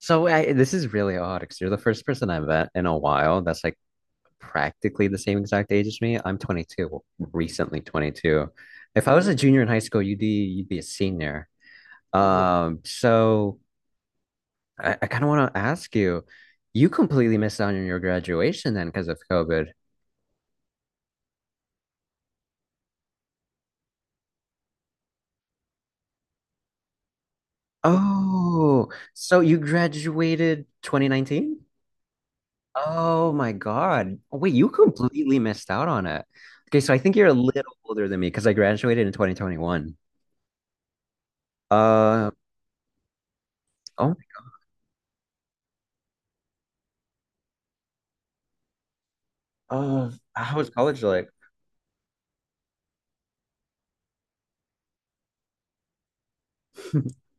So I, this is really odd because you're the first person I've met in a while that's like practically the same exact age as me. I'm 22, recently 22. If I was a junior in high school, you'd be a senior. So I kind of want to ask you, you completely missed out on your graduation then because of COVID. Oh, so you graduated 2019? Oh my God. Oh, wait, you completely missed out on it. Okay, so I think you're a little older than me because I graduated in 2021. Uh oh, oh, how was college like?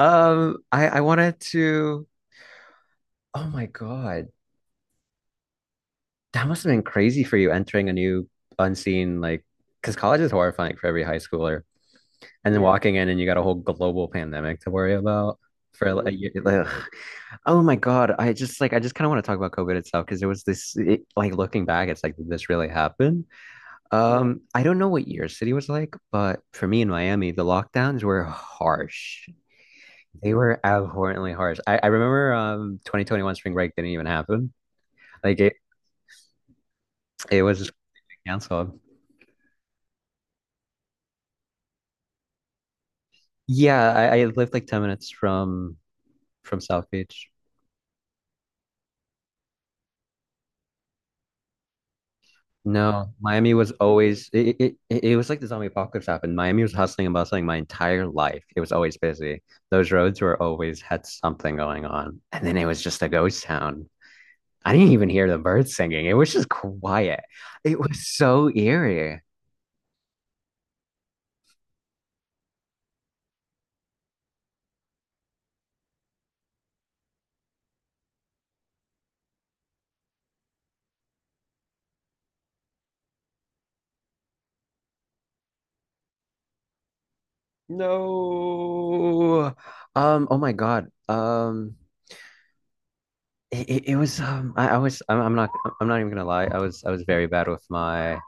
I wanted to. Oh my God, that must have been crazy for you entering a new unseen like, because college is horrifying for every high schooler, and then yeah, walking in and you got a whole global pandemic to worry about for like a, oh, year. Like, ugh, oh my God, I just like I just kind of want to talk about COVID itself because it was this like looking back, it's like did this really happened. Yeah. I don't know what your city was like, but for me in Miami, the lockdowns were harsh. They were abhorrently harsh. I remember 2021 spring break didn't even happen. Like it was just canceled. Yeah, I lived like 10 minutes from South Beach. No, Miami was always it was like the zombie apocalypse happened. Miami was hustling and bustling my entire life. It was always busy. Those roads were always had something going on. And then it was just a ghost town. I didn't even hear the birds singing. It was just quiet. It was so eerie. No. Oh my God. It was I was I'm not even gonna lie. I was very bad with my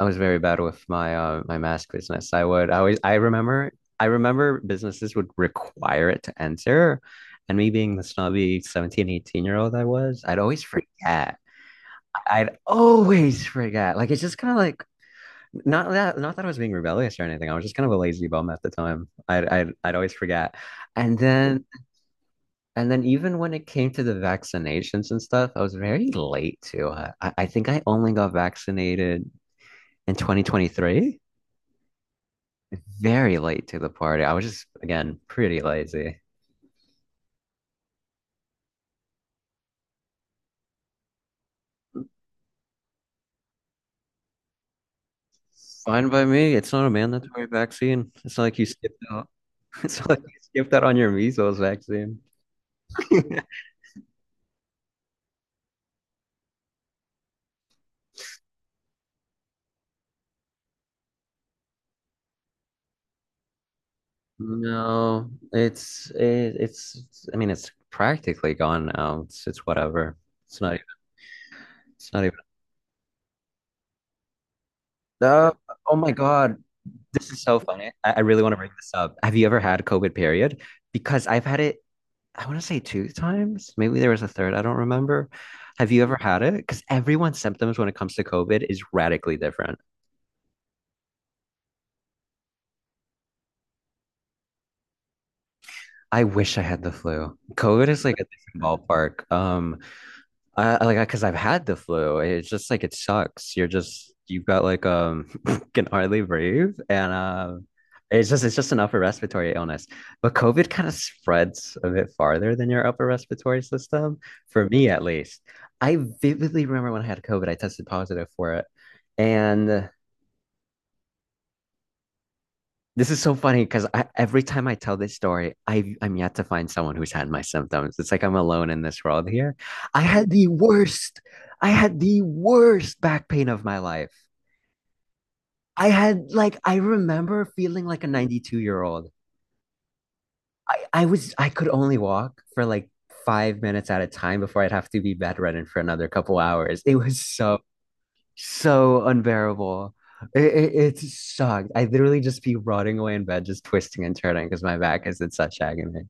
I was very bad with my my mask business. I remember businesses would require it to enter. And me being the snobby 17, 18 year old I was, I'd always forget. I'd always forget. Like it's just kind of like not that I was being rebellious or anything. I was just kind of a lazy bum at the time. I'd always forget. And yeah, then and then even when it came to the vaccinations and stuff, I was very late to it. I think I only got vaccinated in 2023. Very late to the party. I was just, again, pretty lazy. Fine by me. It's not a mandatory vaccine. It's not like you skipped out. It's not like you skipped out on your measles vaccine. No, it's I mean, it's practically gone now. It's whatever. It's not even. It's not even. Uh, oh my God. This is so funny. I really want to bring this up. Have you ever had COVID period? Because I've had it, I want to say two times. Maybe there was a third. I don't remember. Have you ever had it? Because everyone's symptoms when it comes to COVID is radically different. I wish I had the flu. COVID is like a different ballpark. Like because I've had the flu. It's just like it sucks. You've got like can hardly breathe and it's just an upper respiratory illness. But COVID kind of spreads a bit farther than your upper respiratory system, for me at least. I vividly remember when I had COVID, I tested positive for it. And this is so funny because every time I tell this story, I'm yet to find someone who's had my symptoms. It's like I'm alone in this world here. I had the worst, I had the worst back pain of my life. I remember feeling like a 92-year-old. I could only walk for like 5 minutes at a time before I'd have to be bedridden for another couple hours. It was so unbearable. It sucked. I literally just be rotting away in bed, just twisting and turning because my back is in such agony.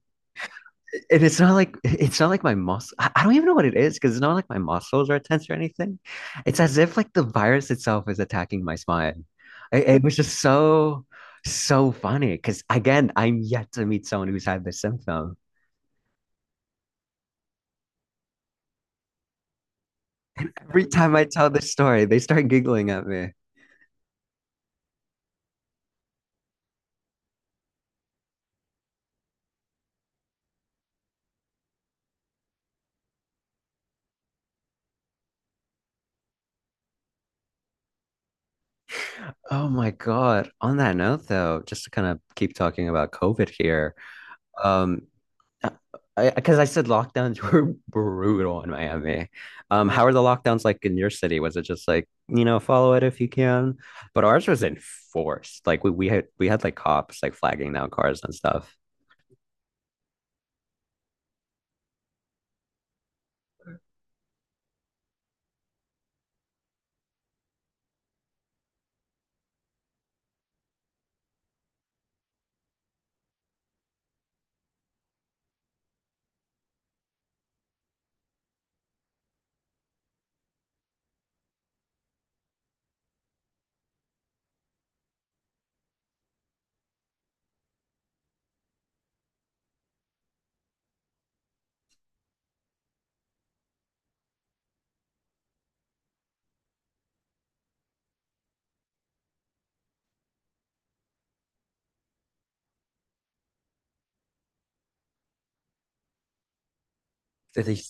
And it's not like my muscle. I don't even know what it is because it's not like my muscles are tense or anything. It's as if like the virus itself is attacking my spine. It was just so funny because again, I'm yet to meet someone who's had this symptom. Every time I tell this story, they start giggling at me. Oh my God. On that note, though, just to kind of keep talking about COVID here, um, because 'cause I said lockdowns were brutal in Miami. How are the lockdowns like in your city? Was it just like, you know, follow it if you can? But ours was enforced. Like we had like cops like flagging down cars and stuff. Did they?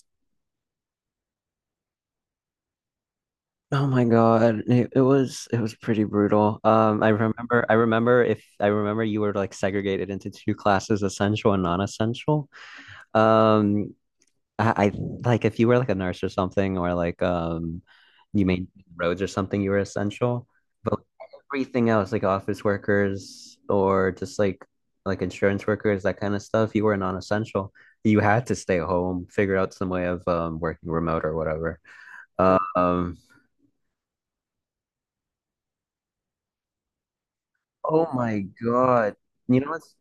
Oh my God. It was pretty brutal. I remember if I remember you were like segregated into two classes, essential and non-essential. Um, I like if you were like a nurse or something or like you made roads or something, you were essential. But everything else, like office workers or just like insurance workers, that kind of stuff, you were non-essential. You had to stay home, figure out some way of working remote or whatever. Um Oh my God. You know what's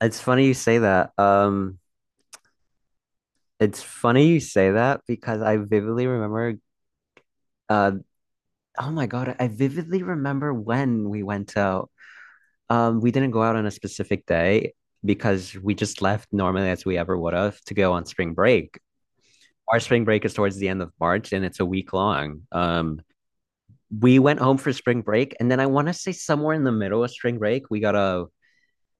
it's funny you say that. It's funny you say that because I vividly remember uh oh my God, I vividly remember when we went out. We didn't go out on a specific day because we just left normally as we ever would have to go on spring break. Our spring break is towards the end of March and it's a week long. We went home for spring break and then I want to say somewhere in the middle of spring break, we got a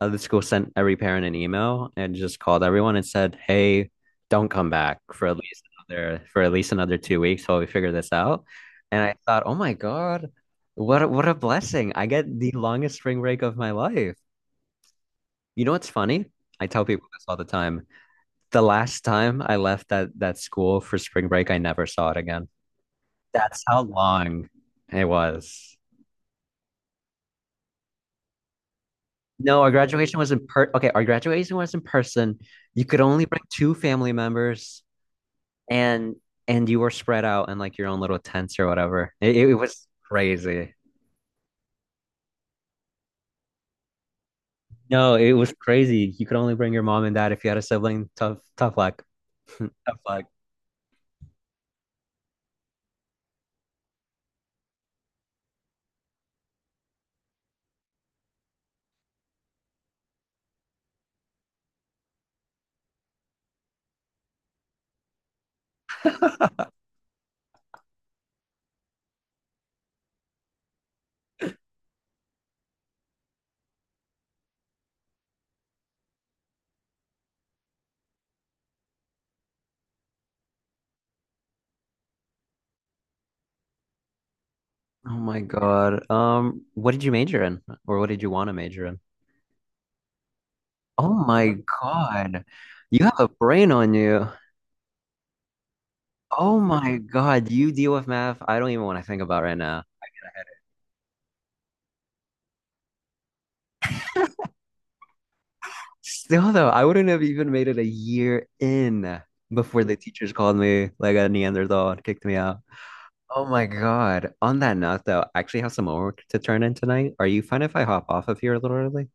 the school sent every parent an email and just called everyone and said, "Hey, don't come back for at least another for at least another 2 weeks while we figure this out." And I thought, "Oh my God, what a blessing! I get the longest spring break of my life." You know what's funny? I tell people this all the time. The last time I left that school for spring break, I never saw it again. That's how long it was. No, our graduation was in per okay, our graduation was in person. You could only bring two family members. And and you were spread out in like your own little tents or whatever. It was crazy. No, it was crazy. You could only bring your mom and dad if you had a sibling. Tough, tough luck. Tough luck. Oh my God. What did you major in, or what did you want to major in? Oh my God. You have a brain on you. Oh my God. You deal with math. I don't even want to think about right now. Still though, I wouldn't have even made it a year in before the teachers called me like a Neanderthal and kicked me out. Oh my God. On that note, though, I actually have some homework to turn in tonight. Are you fine if I hop off of here a little early?